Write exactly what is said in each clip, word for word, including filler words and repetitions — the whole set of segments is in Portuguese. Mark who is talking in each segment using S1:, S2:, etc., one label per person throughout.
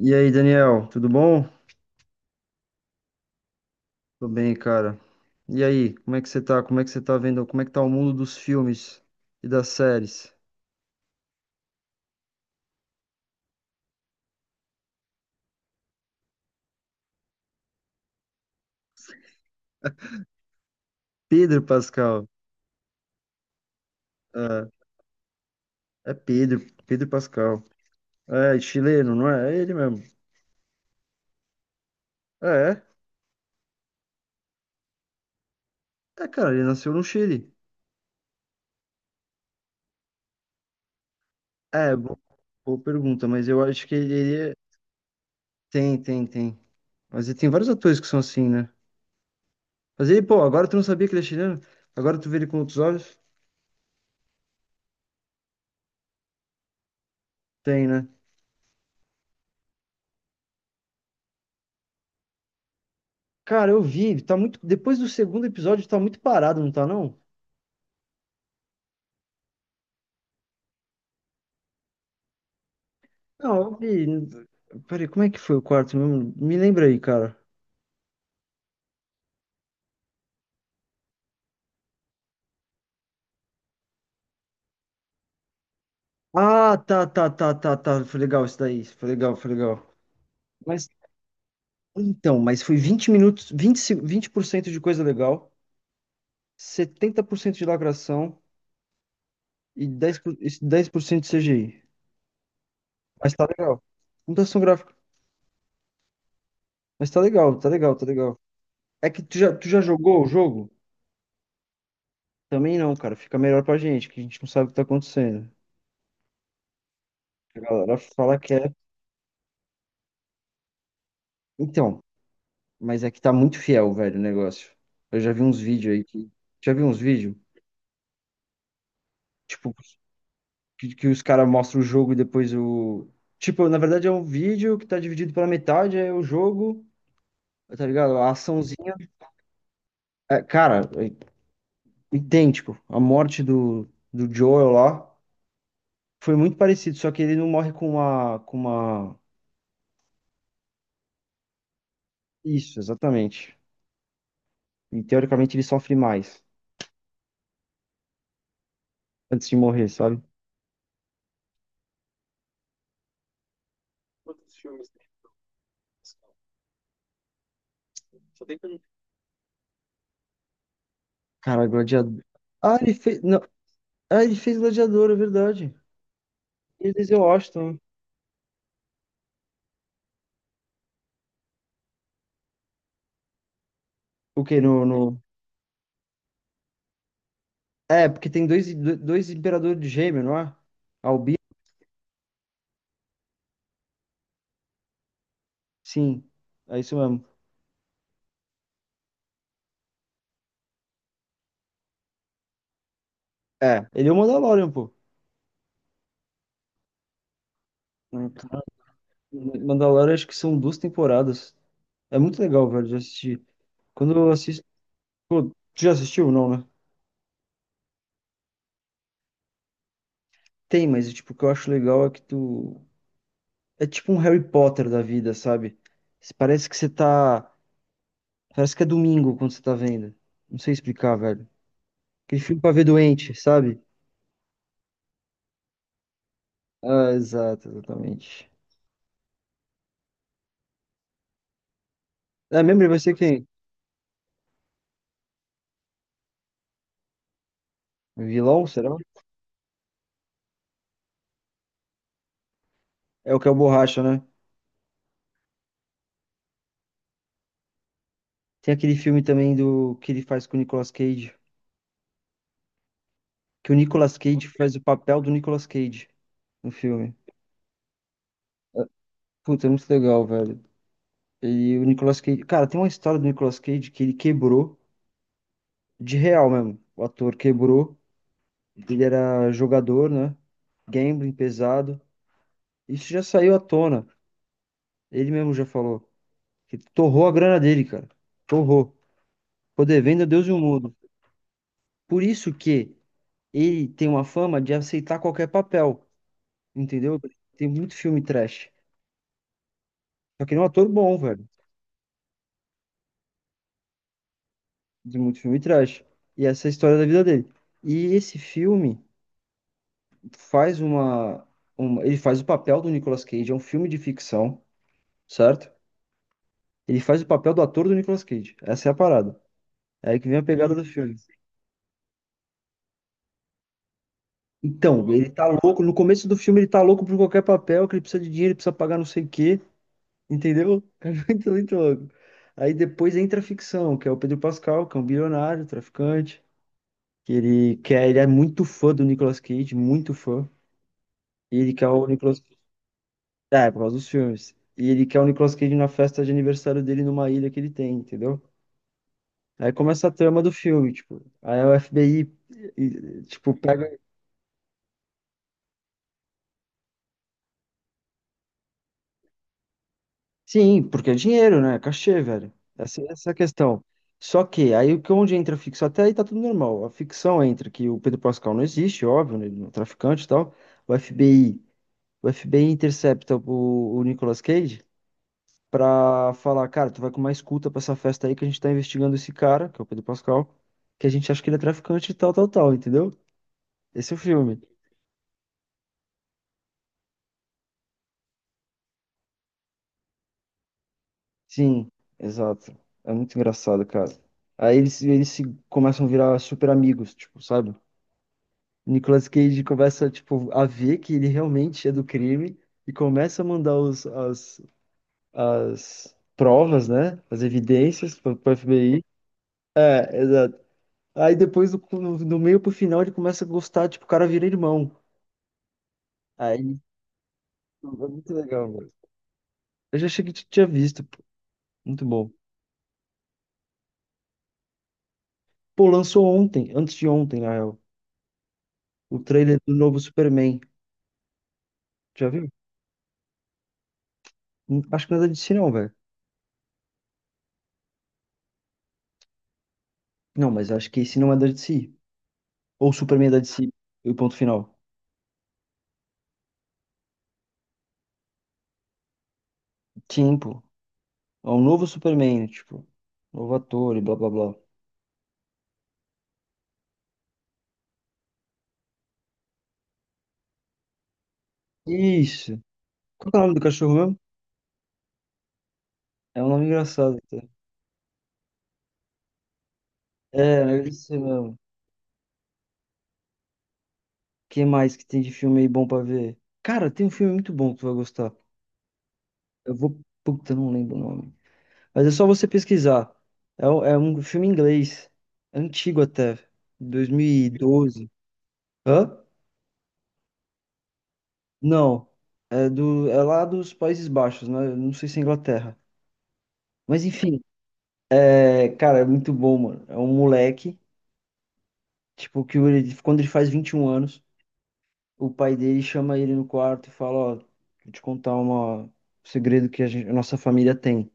S1: E aí, Daniel, tudo bom? Tô bem, cara. E aí, como é que você tá? Como é que você tá vendo? Como é que tá o mundo dos filmes e das séries? Pedro Pascal. É, é Pedro, Pedro Pascal. É, é chileno, não é? É ele mesmo. É, é. É, cara, ele nasceu no Chile. É, bo- boa pergunta, mas eu acho que ele, ele é- Tem, tem, tem. Mas ele tem vários atores que são assim, né? Mas ele, pô, agora tu não sabia que ele é chileno? Agora tu vê ele com outros olhos? Tem, né? Cara, eu vi, tá muito. Depois do segundo episódio, tá muito parado, não tá, não? Não, eu vi. Peraí, como é que foi o quarto mesmo? Me lembra aí, cara. Ah, tá, tá, tá, tá, tá. Foi legal isso daí. Foi legal, foi legal. Mas então, mas foi vinte minutos, vinte se- vinte por cento de coisa legal, setenta por cento de lacração e dez por- e dez por cento de C G I. Mas tá legal. Computação gráfica. Mas tá legal, tá legal, tá legal. É que tu já, tu já jogou o jogo? Também não, cara. Fica melhor pra gente, que a gente não sabe o que tá acontecendo. A galera fala que é. Então, mas é que tá muito fiel, velho, o negócio. Eu já vi uns vídeos aí que. Já vi uns vídeos? Tipo, que, que os caras mostram o jogo e depois o. Tipo, na verdade é um vídeo que tá dividido pela metade, é o jogo, tá ligado? A açãozinha. É, cara, é idêntico. A morte do, do Joel lá foi muito parecido, só que ele não morre com uma, com uma. Isso, exatamente. E teoricamente ele sofre mais antes de morrer, sabe? Cara, Gladiador. Ah, ele fez. Não. Ah, ele fez Gladiador, é verdade. Ele fez Washington. O quê? No, no... É, porque tem dois, dois imperadores de gêmeo, não é? Albi? Sim. É isso mesmo. É, ele é o Mandalorian, pô. Mandalorian acho que são duas temporadas. É muito legal, velho, de assistir. Quando eu assisto. Pô, tu já assistiu? Não, né? Tem, mas tipo, o que eu acho legal é que tu. É tipo um Harry Potter da vida, sabe? Parece que você tá. Parece que é domingo quando você tá vendo. Não sei explicar, velho. Aquele filme pra ver doente, sabe? Ah, exato, exatamente. Ah, lembra vai ser quem? Vilão, será? É o que é o Borracha, né? Tem aquele filme também do que ele faz com o Nicolas Cage. Que o Nicolas Cage faz o papel do Nicolas Cage no filme. Puta, é muito legal, velho. E o Nicolas Cage. Cara, tem uma história do Nicolas Cage que ele quebrou, de real mesmo. O ator quebrou. Ele era jogador, né? Gambling pesado. Isso já saiu à tona. Ele mesmo já falou que torrou a grana dele, cara. Torrou. Ficou devendo a Deus e o mundo. Por isso que ele tem uma fama de aceitar qualquer papel, entendeu? Tem muito filme trash. Só que ele é um ator bom, velho. Tem muito filme trash. E essa é a história da vida dele. E esse filme faz uma, uma... Ele faz o papel do Nicolas Cage. É um filme de ficção, certo? Ele faz o papel do ator do Nicolas Cage. Essa é a parada. É aí que vem a pegada do filme. Então, ele tá louco. No começo do filme, ele tá louco por qualquer papel, que ele precisa de dinheiro, ele precisa pagar não sei o quê, entendeu? É muito, muito louco. Aí depois entra a ficção, que é o Pedro Pascal, que é um bilionário, traficante, que ele quer, ele é muito fã do Nicolas Cage, muito fã. E ele quer o Nicolas Cage. É, por causa dos filmes. E ele quer o Nicolas Cage na festa de aniversário dele numa ilha que ele tem, entendeu? Aí começa a trama do filme, tipo. Aí o F B I, e- e, tipo, pega. Sim, porque é dinheiro, né? É cachê, velho. Essa, essa é a questão. Só que aí o que onde entra a ficção, até aí tá tudo normal. A ficção entra que o Pedro Pascal não existe, óbvio, né? Ele não é um traficante e tal. O F B I, o F B I intercepta o, o Nicolas Cage pra falar, cara, tu vai com uma escuta pra essa festa aí que a gente tá investigando esse cara, que é o Pedro Pascal, que a gente acha que ele é traficante e tal, tal, tal, entendeu? Esse é o filme. Sim, exato. É muito engraçado, cara. Aí eles, eles se começam a virar super amigos, tipo, sabe? Nicolas Cage começa, tipo, a ver que ele realmente é do crime e começa a mandar os, as, as provas, né? As evidências para o F B I. É, exato. Aí depois, no, no no meio pro final, ele começa a gostar, tipo, o cara vira irmão. Aí, é muito legal, mano. Eu já achei que tinha visto, pô. Muito bom. Pô, lançou ontem, antes de ontem, na real, o trailer do novo Superman. Já viu? Hum, Acho que não é da D C, não, velho. Não, mas acho que esse não é da D C. Ou Superman é da D C. E o ponto final. Tempo. Ó, um novo Superman, né, tipo, novo ator e blá blá blá. Isso. Qual que é o nome do cachorro mesmo? É um nome engraçado até. É, eu sei mesmo. O Que mais que tem de filme aí bom pra ver? Cara, tem um filme muito bom que tu vai gostar. Eu vou. Puta, eu não lembro o nome. Mas é só você pesquisar. É, um- é um filme inglês. Antigo até. dois mil e doze. Hã? Não. É, do, é lá dos Países Baixos, né? Eu não sei se é Inglaterra. Mas enfim, é, cara, é muito bom, mano. É um moleque. Tipo, que ele, quando ele faz vinte e um anos, o pai dele chama ele no quarto e fala, ó, vou te contar uma, um segredo que a gente- a nossa família tem.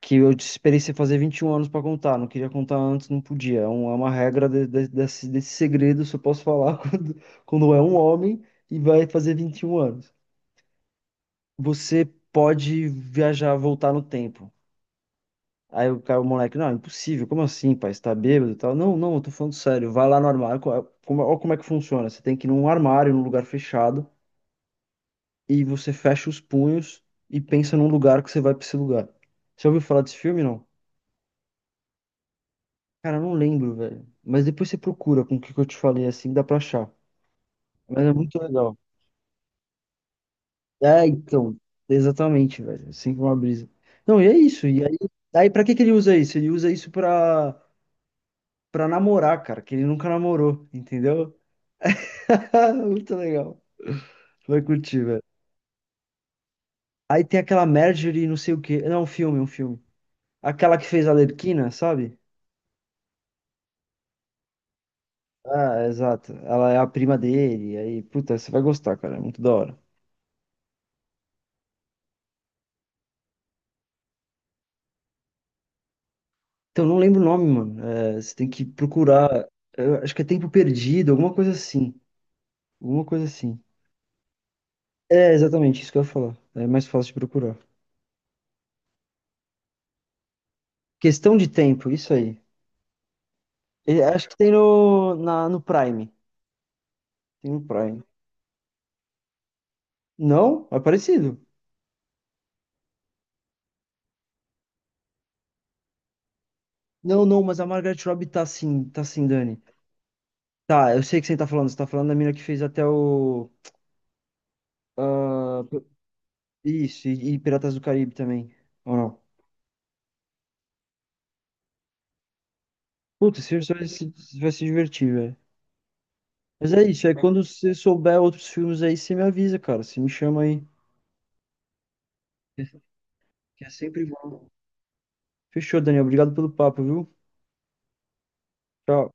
S1: Que eu esperei você fazer vinte e um anos pra contar, não queria contar antes, não podia. É um- é uma regra de- de- desse, desse segredo, só posso falar quando, quando é um homem e vai fazer vinte e um anos. Você pode viajar, voltar no tempo. Aí o cara, o moleque, não, impossível, como assim, pai? Você tá bêbado e tal? Não, não, eu tô falando sério. Vai lá no armário, co- como, olha como é que funciona. Você tem que ir num armário, num lugar fechado, e você fecha os punhos e pensa num lugar que você vai pra esse lugar. Você ouviu falar desse filme, não? Cara, eu não lembro, velho. Mas depois você procura com o que que eu te falei, assim dá pra achar. Mas é muito legal. É, então, exatamente, velho. Assim como uma brisa. Não, e é isso. E aí, aí pra que que ele usa isso? Ele usa isso pra, pra namorar, cara, que ele nunca namorou, entendeu? Muito legal. Vai curtir, velho. Aí tem aquela Marjorie, não sei o quê. Não, um filme, um filme. Aquela que fez a Lerquina, sabe? Ah, exato. Ela é a prima dele. Aí, puta, você vai gostar, cara. É muito da hora. Então, não lembro o nome, mano. É, você tem que procurar. Eu acho que é Tempo Perdido, alguma coisa assim. Alguma coisa assim. É, exatamente, isso que eu ia falar. É mais fácil de procurar. Questão de tempo, isso aí. E acho que tem no, na, no Prime. Tem no Prime. Não? É parecido. Não, não, mas a Margaret Robbie tá sim, tá sim, Dani. Tá, eu sei que você tá falando. Você tá falando da mina que fez até o. Ah, isso, e, e Piratas do Caribe também. Ou não? Puta, você vai se, você vai se divertir, velho. Mas é isso, aí quando você souber outros filmes aí, você me avisa, cara. Você me chama aí. Que é sempre bom. Fechou, Dani. Obrigado pelo papo, viu? Tchau.